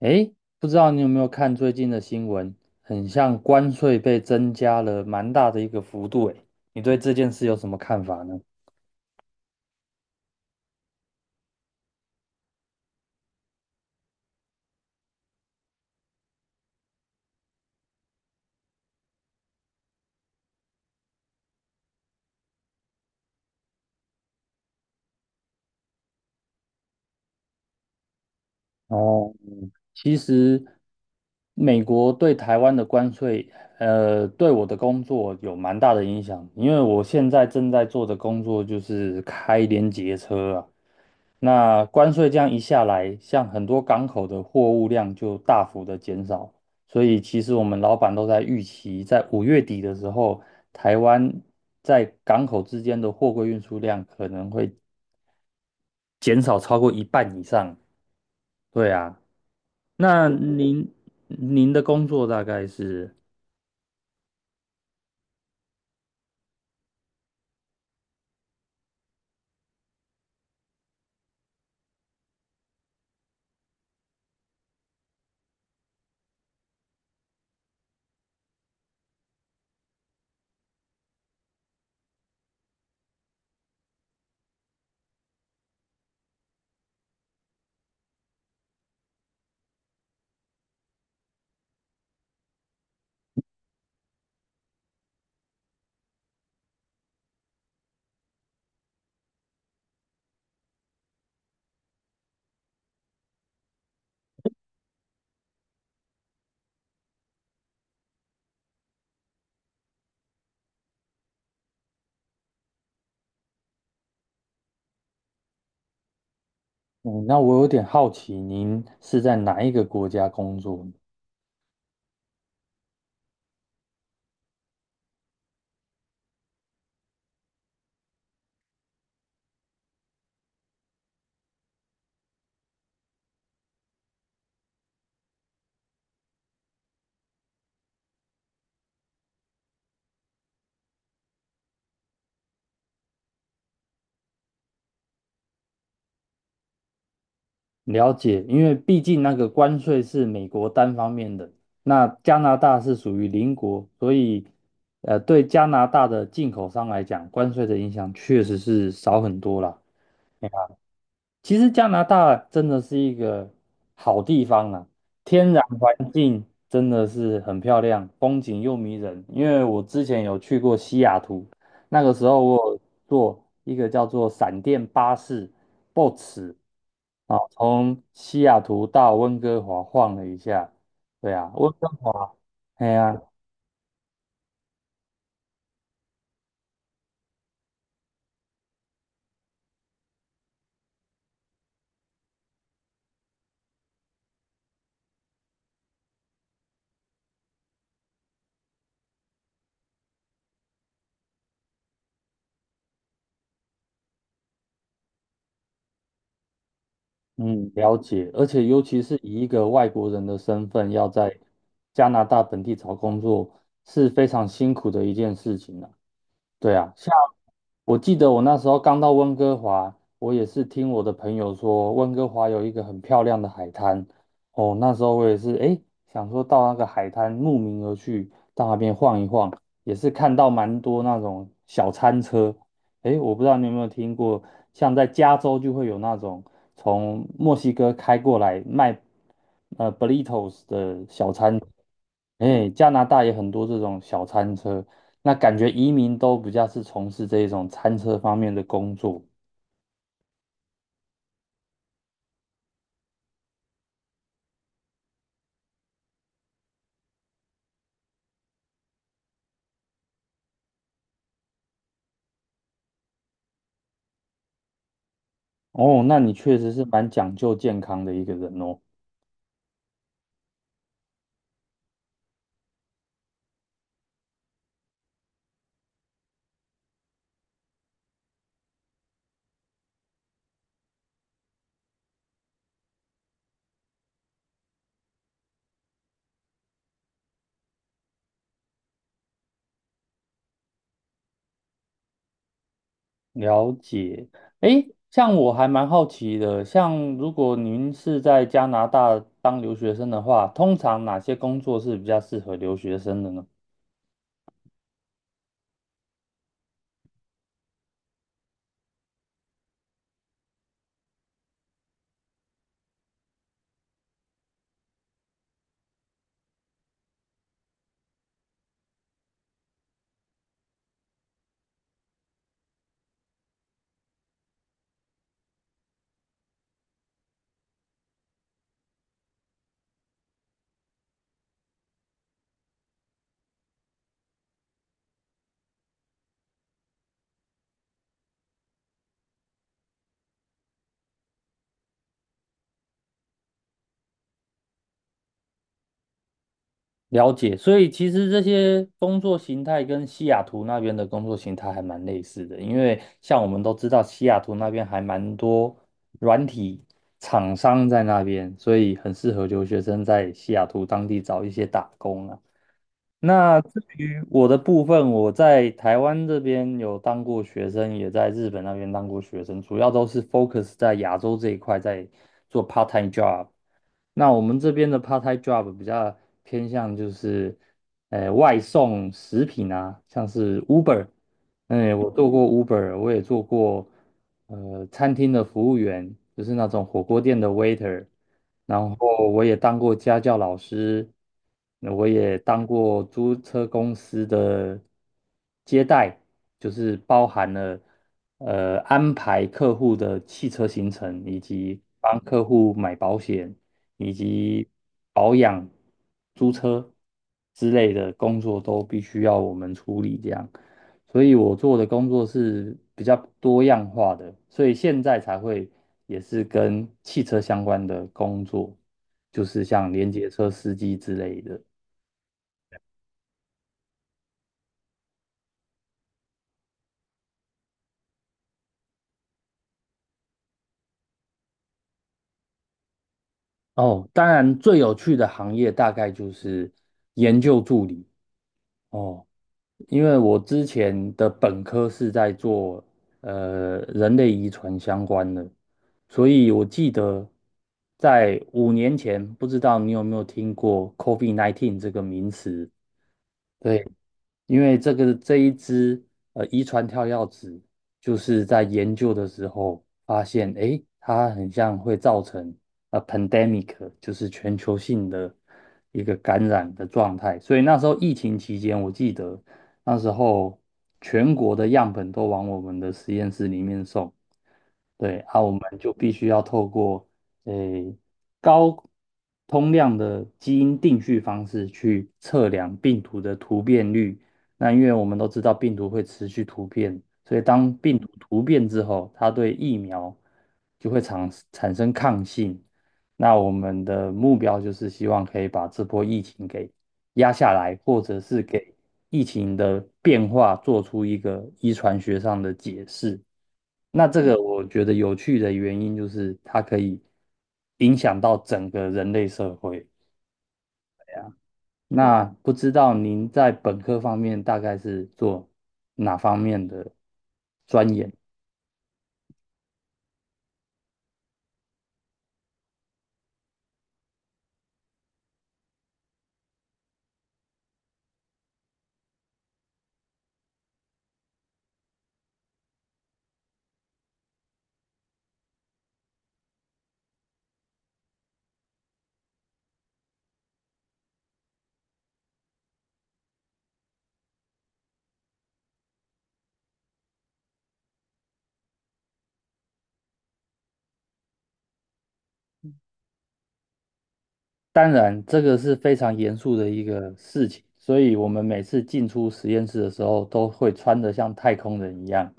诶，不知道你有没有看最近的新闻，很像关税被增加了蛮大的一个幅度，诶，你对这件事有什么看法呢？哦。其实美国对台湾的关税，对我的工作有蛮大的影响，因为我现在正在做的工作就是开联结车啊。那关税这样一下来，像很多港口的货物量就大幅的减少，所以其实我们老板都在预期，在5月底的时候，台湾在港口之间的货柜运输量可能会减少超过一半以上。对啊。那您的工作大概是。嗯，那我有点好奇，您是在哪一个国家工作？了解，因为毕竟那个关税是美国单方面的，那加拿大是属于邻国，所以，对加拿大的进口商来讲，关税的影响确实是少很多啦。其实加拿大真的是一个好地方啊，天然环境真的是很漂亮，风景又迷人。因为我之前有去过西雅图，那个时候我有坐一个叫做闪电巴士 （(BOX) 啊，从西雅图到温哥华晃了一下。对啊，温哥华，哎呀、嗯，了解，而且尤其是以一个外国人的身份要在加拿大本地找工作，是非常辛苦的一件事情呢。对啊，像我记得我那时候刚到温哥华，我也是听我的朋友说，温哥华有一个很漂亮的海滩。哦，那时候我也是，诶，想说到那个海滩慕名而去，到那边晃一晃，也是看到蛮多那种小餐车。诶，我不知道你有没有听过，像在加州就会有那种从墨西哥开过来卖burritos 的小餐。哎，加拿大也很多这种小餐车，那感觉移民都比较是从事这一种餐车方面的工作。哦，那你确实是蛮讲究健康的一个人哦。了解。诶，像我还蛮好奇的，像如果您是在加拿大当留学生的话，通常哪些工作是比较适合留学生的呢？了解，所以其实这些工作形态跟西雅图那边的工作形态还蛮类似的，因为像我们都知道，西雅图那边还蛮多软体厂商在那边，所以很适合留学生在西雅图当地找一些打工啊。那至于我的部分，我在台湾这边有当过学生，也在日本那边当过学生，主要都是 focus 在亚洲这一块，在做 part time job。那我们这边的 part-time job 比较偏向就是，外送食品啊，像是 Uber,嗯，我做过 Uber,我也做过，餐厅的服务员，就是那种火锅店的 waiter,然后我也当过家教老师，那我也当过租车公司的接待，就是包含了。安排客户的汽车行程，以及帮客户买保险，以及保养、租车之类的工作都必须要我们处理这样，所以我做的工作是比较多样化的，所以现在才会也是跟汽车相关的工作，就是像连接车司机之类的。哦，当然最有趣的行业大概就是研究助理。哦。因为我之前的本科是在做人类遗传相关的，所以我记得在5年前，不知道你有没有听过 COVID-19 这个名词？对。因为这一支遗传跳药子，就是在研究的时候发现，诶，它很像会造成pandemic,就是全球性的一个感染的状态。所以那时候疫情期间，我记得那时候全国的样本都往我们的实验室里面送，对，啊，我们就必须要透过诶高通量的基因定序方式去测量病毒的突变率。那因为我们都知道病毒会持续突变，所以当病毒突变之后，它对疫苗就会产生抗性。那我们的目标就是希望可以把这波疫情给压下来，或者是给疫情的变化做出一个遗传学上的解释。那这个我觉得有趣的原因就是它可以影响到整个人类社会。那不知道您在本科方面大概是做哪方面的钻研？当然，这个是非常严肃的一个事情，所以我们每次进出实验室的时候，都会穿得像太空人一样。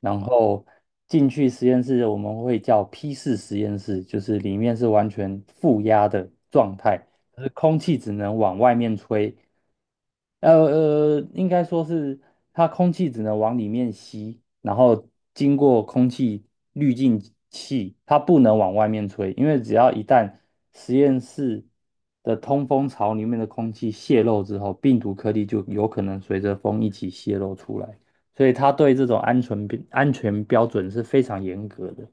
然后进去实验室，我们会叫 P4实验室，就是里面是完全负压的状态，就是空气只能往外面吹，呃应该说是它空气只能往里面吸，然后经过空气滤净器，它不能往外面吹，因为只要一旦实验室的通风槽里面的空气泄漏之后，病毒颗粒就有可能随着风一起泄露出来，所以它对这种安全标准是非常严格的。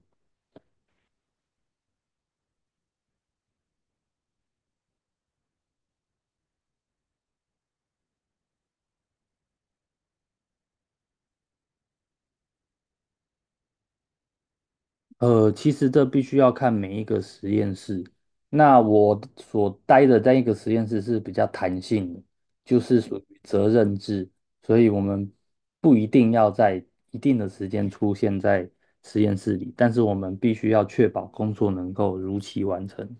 其实这必须要看每一个实验室。那我所待的那一个实验室是比较弹性的，就是属于责任制，所以我们不一定要在一定的时间出现在实验室里，但是我们必须要确保工作能够如期完成。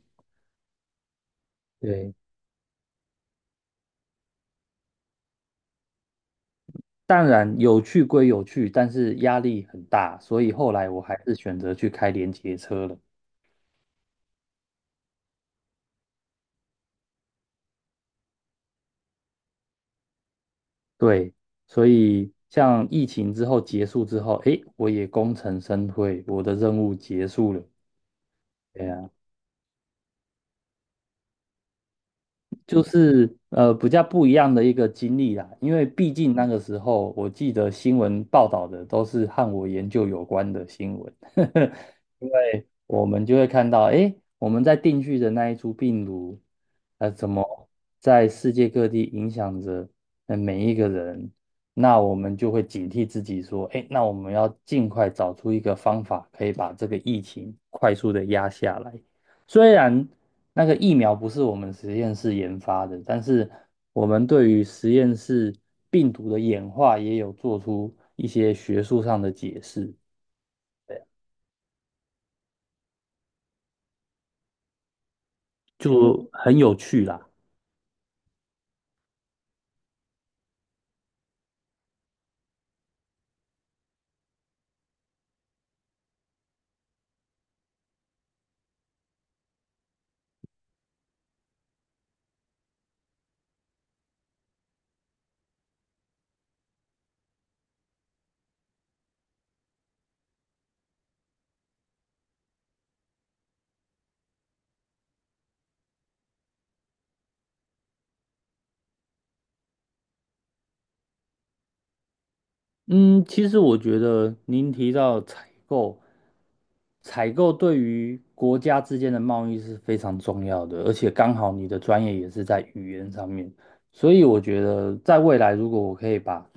对，当然有趣归有趣，但是压力很大，所以后来我还是选择去开连接车了。对，所以像疫情之后结束之后，诶，我也功成身退，我的任务结束了。对呀，就是比较不一样的一个经历啦，因为毕竟那个时候我记得新闻报道的都是和我研究有关的新闻，我们就会看到，诶，我们在定居的那一株病毒，怎么在世界各地影响着每一个人？那我们就会警惕自己说，诶，那我们要尽快找出一个方法，可以把这个疫情快速的压下来。虽然那个疫苗不是我们实验室研发的，但是我们对于实验室病毒的演化也有做出一些学术上的解释，对啊。就很有趣啦。嗯，其实我觉得您提到采购，采购对于国家之间的贸易是非常重要的，而且刚好你的专业也是在语言上面，所以我觉得在未来如果我可以把，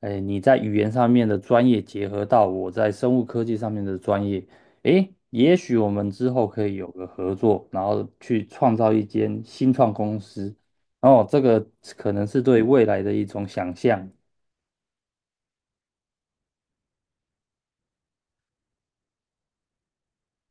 哎，你在语言上面的专业结合到我在生物科技上面的专业，哎，也许我们之后可以有个合作，然后去创造一间新创公司，然后这个可能是对未来的一种想象。